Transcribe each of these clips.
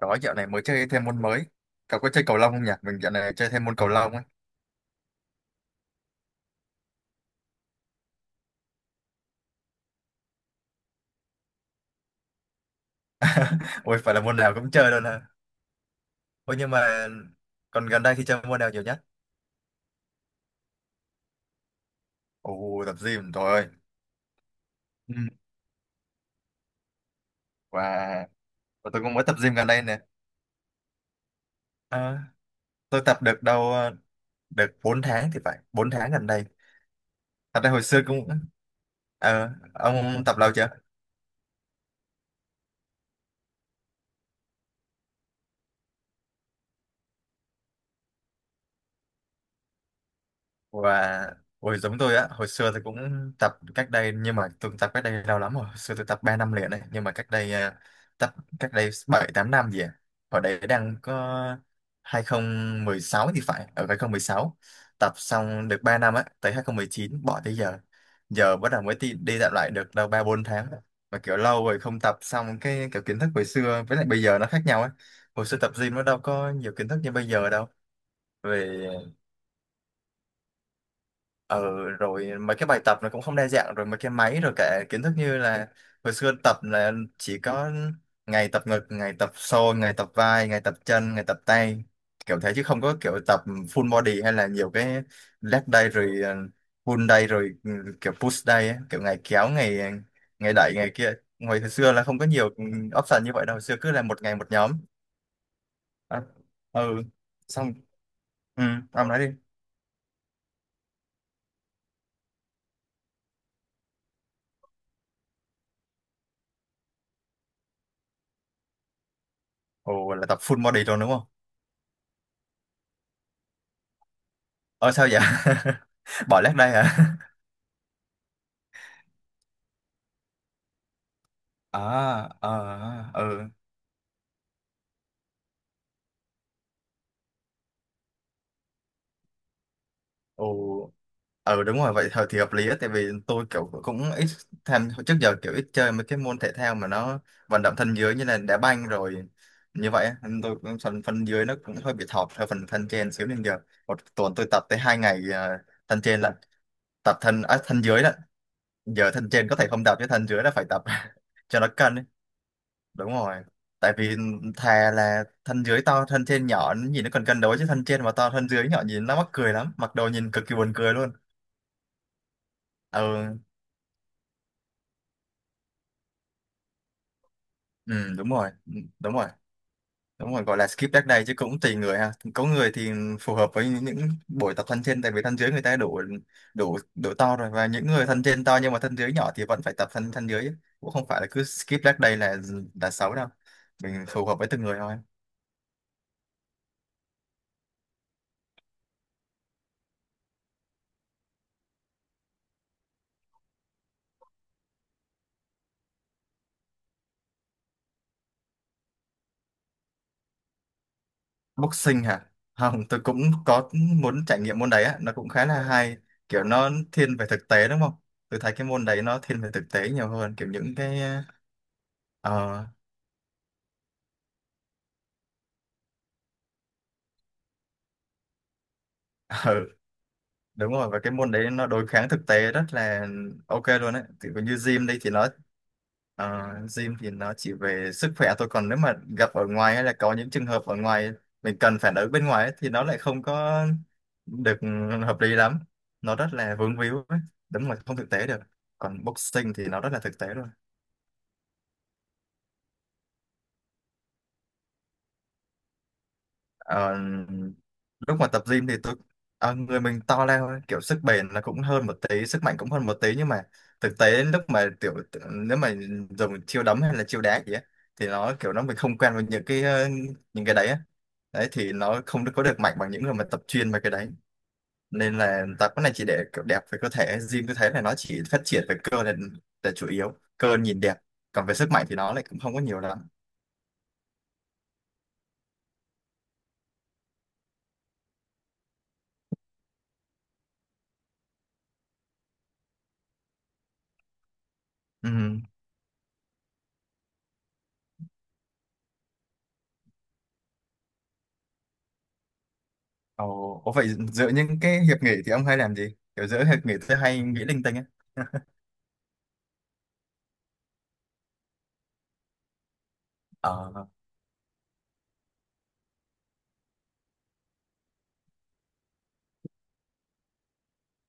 Đó, dạo này mới chơi thêm môn mới. Cậu có chơi cầu lông không nhỉ? Mình dạo này chơi thêm môn cầu lông ấy. Ôi, phải là môn nào cũng chơi luôn hả? Ôi, nhưng mà còn gần đây thì chơi môn nào nhiều nhất? Ồ, tập gym, rồi. Ừ. Và và tôi cũng mới tập gym gần đây nè. À, tôi tập được đâu, được 4 tháng thì phải. Bốn tháng gần đây. Thật ra hồi xưa cũng... Ờ, ông tập lâu chưa? Và ôi giống tôi á, hồi xưa tôi cũng tập cách đây, nhưng mà tôi tập cách đây lâu lắm rồi. Hồi xưa tôi tập 3 năm liền này, nhưng mà cách đây tập cách đây 7 8 năm gì à, hồi đấy đang có hai không một sáu thì phải, ở 2016 tập xong được 3 năm á, tới 2019 bỏ tới giờ. Giờ bắt đầu mới đi dạo lại được đâu 3 4 tháng, mà kiểu lâu rồi không tập xong cái kiểu kiến thức hồi xưa với lại bây giờ nó khác nhau á. Hồi xưa tập gym nó đâu có nhiều kiến thức như bây giờ đâu. Về ừ, rồi mấy cái bài tập nó cũng không đa dạng, rồi mấy cái máy, rồi cả kiến thức như là hồi xưa tập là chỉ có ngày tập ngực, ngày tập xô, ngày tập vai, ngày tập chân, ngày tập tay, kiểu thế chứ không có kiểu tập full body hay là nhiều cái leg day rồi pull day rồi kiểu push day ấy, kiểu ngày kéo ngày, ngày đẩy ngày kia. Hồi hồi xưa là không có nhiều option như vậy đâu, hồi xưa cứ là một ngày một nhóm. à, ừ, xong ừ, ông nói đi. Ồ, là tập full body luôn đúng không? Ờ sao vậy? Bỏ lát đây hả? À, ờ, ừ, ừ, ừ, đúng rồi, vậy thôi thì hợp lý á, tại vì tôi kiểu cũng ít tham, trước giờ kiểu ít chơi mấy cái môn thể thao mà nó vận động thân dưới như là đá banh rồi như vậy á, nên tôi cũng phần phần dưới nó cũng hơi bị thọt theo phần thân trên xíu nên giờ một tuần tôi tập tới hai ngày thân trên lận, tập thân, à, thân dưới lận, giờ thân trên có thể không tập chứ thân dưới là phải tập cho nó cân. Đúng rồi, tại vì thà là thân dưới to thân trên nhỏ nhìn nó còn cân đối, chứ thân trên mà to thân dưới nhỏ nhìn nó mắc cười lắm, mặc đồ nhìn cực kỳ buồn cười luôn. Ừ, ừ đúng rồi. Ừ, đúng rồi đúng rồi, gọi là skip leg day chứ cũng tùy người ha, có người thì phù hợp với những buổi tập thân trên tại vì thân dưới người ta đủ đủ đủ to rồi, và những người thân trên to nhưng mà thân dưới nhỏ thì vẫn phải tập thân thân dưới. Cũng không phải là cứ skip leg day là xấu đâu, mình phù hợp với từng người thôi. Boxing hả? Không, tôi cũng có muốn trải nghiệm môn đấy á, nó cũng khá là hay, kiểu nó thiên về thực tế đúng không? Tôi thấy cái môn đấy nó thiên về thực tế nhiều hơn, kiểu những cái ờ đúng rồi, và cái môn đấy nó đối kháng thực tế rất là ok luôn đấy. Thì như gym đây thì nó ờ, gym thì nó chỉ về sức khỏe thôi, còn nếu mà gặp ở ngoài hay là có những trường hợp ở ngoài mình cần phản ứng bên ngoài ấy, thì nó lại không có được hợp lý lắm, nó rất là vướng víu ấy. Đúng là không thực tế được. Còn boxing thì nó rất là thực tế luôn. Ờ, lúc mà tập gym thì tôi người mình to lên thôi, kiểu sức bền là cũng hơn một tí, sức mạnh cũng hơn một tí, nhưng mà thực tế lúc mà tiểu nếu mà dùng chiêu đấm hay là chiêu đá gì á thì nó kiểu nó mình không quen với những cái những cái đấy á, đấy thì nó không có được mạnh bằng những người mà tập chuyên về cái đấy. Nên là tập cái này chỉ để kiểu đẹp về cơ thể, gym tôi thấy là nó chỉ phát triển về cơ là chủ yếu cơ nhìn đẹp, còn về sức mạnh thì nó lại cũng không có nhiều lắm. Ừ. Ồ, có phải giữa những cái hiệp nghị thì ông hay làm gì? Kiểu giữa hiệp nghị tôi hay nghĩ linh tinh ấy. Ờ,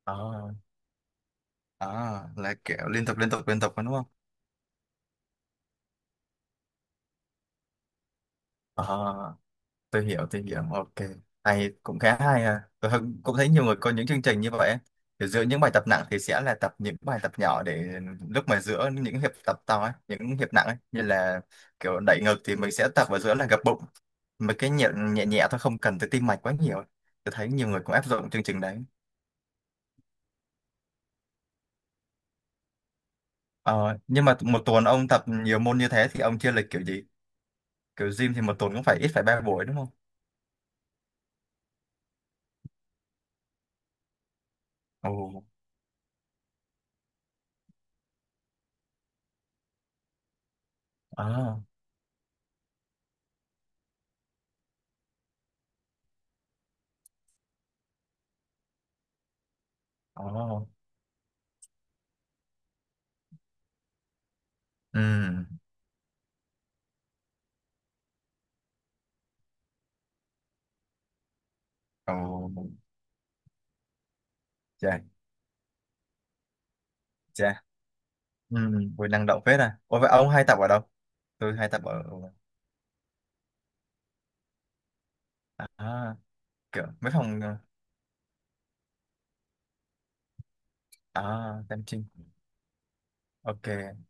ờ, ờ, là kiểu liên tục liên tục liên tục đúng không? Ờ, tôi hiểu, ok. Hay, cũng khá hay à. Tôi cũng thấy nhiều người có những chương trình như vậy ấy. Kiểu giữa những bài tập nặng thì sẽ là tập những bài tập nhỏ để lúc mà giữa những hiệp tập to ấy, những hiệp nặng ấy. Như là kiểu đẩy ngực thì mình sẽ tập vào giữa là gập bụng. Mấy cái nhẹ nhẹ, nhẹ thôi không cần tới tim mạch quá nhiều. Tôi thấy nhiều người cũng áp dụng chương trình đấy. Ờ, nhưng mà một tuần ông tập nhiều môn như thế thì ông chia lịch kiểu gì? Kiểu gym thì một tuần cũng phải ít phải ba buổi đúng không? Ồ, à, ờ, ừ, ồ, chà, chà, ừ, buổi năng động phết à. Ủa vậy ông hay tập ở đâu? Tôi hay tập ở, à, kiểu mấy phòng, ờ, à, Tam Trinh, ok.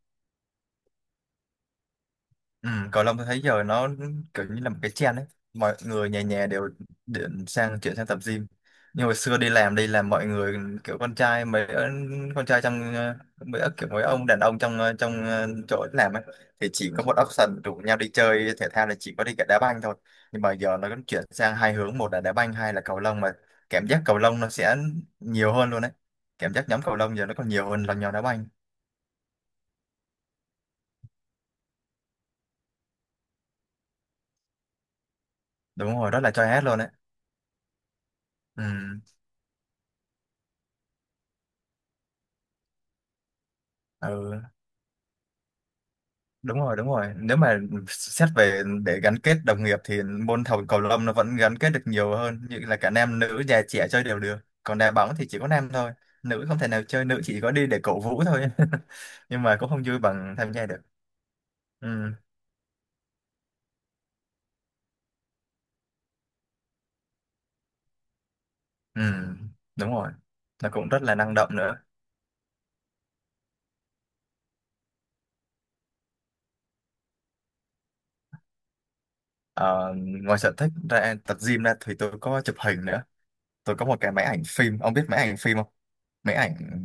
Ừ, cầu lông tôi thấy giờ nó kiểu như là một cái trend đấy, mọi người nhà nhà đều điện sang chuyển sang tập gym. Nhưng hồi xưa đi làm mọi người kiểu con trai mấy con trai trong mấy kiểu mấy ông đàn ông trong trong chỗ làm ấy thì chỉ có một option rủ nhau đi chơi thể thao là chỉ có đi cả đá banh thôi. Nhưng mà giờ nó cũng chuyển sang hai hướng, một là đá banh hai là cầu lông, mà cảm giác cầu lông nó sẽ nhiều hơn luôn đấy, cảm giác nhóm cầu lông giờ nó còn nhiều hơn là nhóm đá banh. Đúng rồi, rất là choi hết luôn đấy. Ừ. Ừ. Đúng rồi đúng rồi, nếu mà xét về để gắn kết đồng nghiệp thì môn thầu cầu lông nó vẫn gắn kết được nhiều hơn, như là cả nam nữ già trẻ chơi đều được, còn đá bóng thì chỉ có nam thôi, nữ không thể nào chơi, nữ chỉ có đi để cổ vũ thôi nhưng mà cũng không vui bằng tham gia được. Ừ, ừ, đúng rồi, nó cũng rất là năng động nữa. Ờ, ngoài sở thích ra tập gym ra thì tôi có chụp hình nữa, tôi có một cái máy ảnh phim, ông biết máy ảnh phim không? Máy ảnh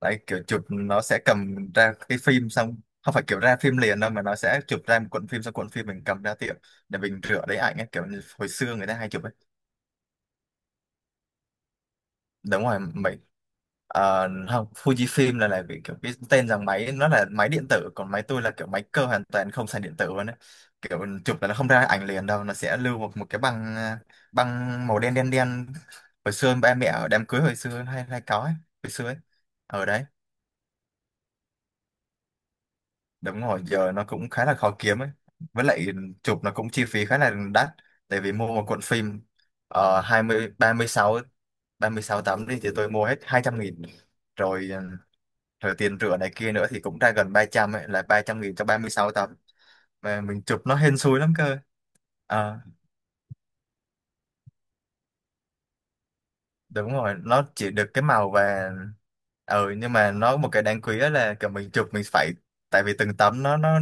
đấy, kiểu chụp nó sẽ cầm ra cái phim xong, không phải kiểu ra phim liền đâu mà nó sẽ chụp ra một cuộn phim, xong cuộn phim mình cầm ra tiệm để mình rửa lấy ảnh ấy, kiểu như hồi xưa người ta hay chụp ấy. Đúng rồi, mình không, Fujifilm là vì kiểu cái tên rằng máy nó là máy điện tử, còn máy tôi là kiểu máy cơ hoàn toàn không xài điện tử luôn ấy. Kiểu chụp là nó không ra ảnh liền đâu, nó sẽ lưu một cái băng băng màu đen đen đen, hồi xưa ba mẹ ở đám cưới hồi xưa hay hay có ấy, hồi xưa ấy, ở đấy. Đúng rồi, giờ nó cũng khá là khó kiếm ấy. Với lại chụp nó cũng chi phí khá là đắt. Tại vì mua một cuộn phim 20, 36, 36 tấm đi thì tôi mua hết 200 nghìn. Rồi, ờ, rồi tiền rửa này kia nữa thì cũng ra gần 300 ấy, là 300 nghìn cho 36 tấm. Mà mình chụp nó hên xui lắm cơ. Ờ. Đúng rồi, nó chỉ được cái màu và ừ nhưng mà nó có một cái đáng quý, đó là kiểu mình chụp mình phải, tại vì từng tấm nó nó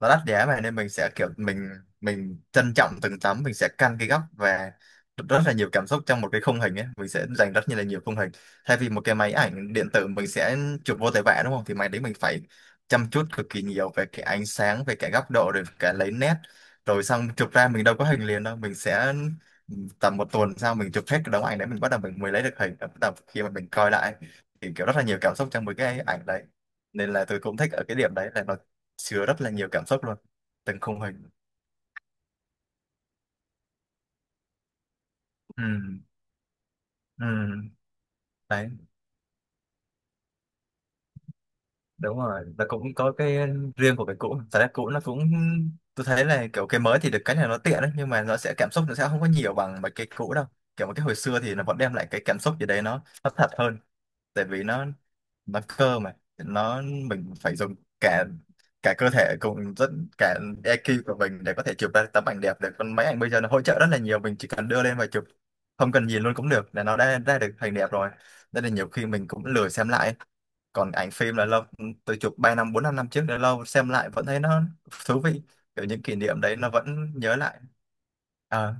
nó đắt giá mà, nên mình sẽ kiểu mình trân trọng từng tấm, mình sẽ căn cái góc và rất là nhiều cảm xúc trong một cái khung hình ấy, mình sẽ dành rất như là nhiều khung hình thay vì một cái máy ảnh điện tử mình sẽ chụp vô tới vẽ đúng không, thì máy đấy mình phải chăm chút cực kỳ nhiều về cái ánh sáng, về cái góc độ rồi cả lấy nét, rồi xong chụp ra mình đâu có hình liền đâu, mình sẽ tầm một tuần sau mình chụp hết cái đống ảnh đấy mình bắt đầu mình mới lấy được hình, bắt đầu khi mà mình coi lại thì kiểu rất là nhiều cảm xúc trong mấy cái ảnh đấy, nên là tôi cũng thích ở cái điểm đấy là nó chứa rất là nhiều cảm xúc luôn từng khung hình. Ừ, ừ. Đấy đúng rồi, nó cũng có cái riêng của cái cũ, thật ra cũ nó cũng, tôi thấy là kiểu cái mới thì được cái này nó tiện đấy nhưng mà nó sẽ cảm xúc nó sẽ không có nhiều bằng mấy cái cũ đâu. Kiểu một cái hồi xưa thì nó vẫn đem lại cái cảm xúc gì đấy, nó thật hơn, tại vì nó cơ mà nó mình phải dùng cả cả cơ thể cùng rất cả EQ của mình để có thể chụp ra tấm ảnh đẹp được, còn máy ảnh bây giờ nó hỗ trợ rất là nhiều, mình chỉ cần đưa lên và chụp, không cần nhìn luôn cũng được là nó đã ra được hình đẹp rồi, nên là nhiều khi mình cũng lười xem lại. Còn ảnh phim là lâu, tôi chụp 3 năm 4 5 năm trước đã lâu xem lại vẫn thấy nó thú vị, kiểu những kỷ niệm đấy nó vẫn nhớ lại. À,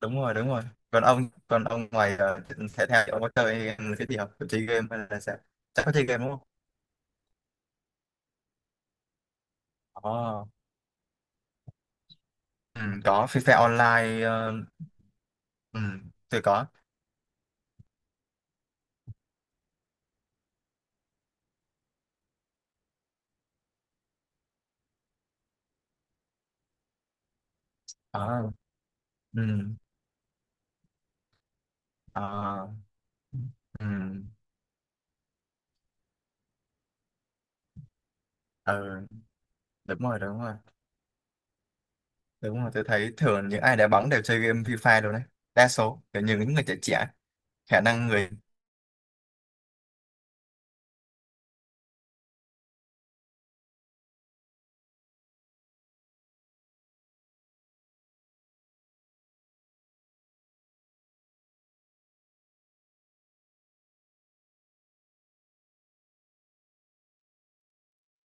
đúng rồi đúng rồi. Còn ông còn ông ngoài thể thao thì ông có chơi cái gì không, chơi game hay là sao, chắc có chơi game đúng không? Ồ. Ừ, có FIFA Online ừ, tôi có. Ờ, ừ, ờ, ừ, ờ, đúng rồi đúng rồi đúng rồi, tôi thấy thường những ai đá bóng đều chơi game FIFA rồi đấy, đa số kiểu như những người trẻ trẻ khả năng người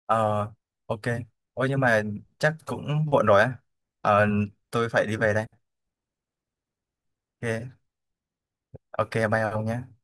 ờ, ok. Ôi nhưng mà chắc cũng muộn rồi á. Ờ, tôi phải đi về đây. Ok. Ok bye ông nhé.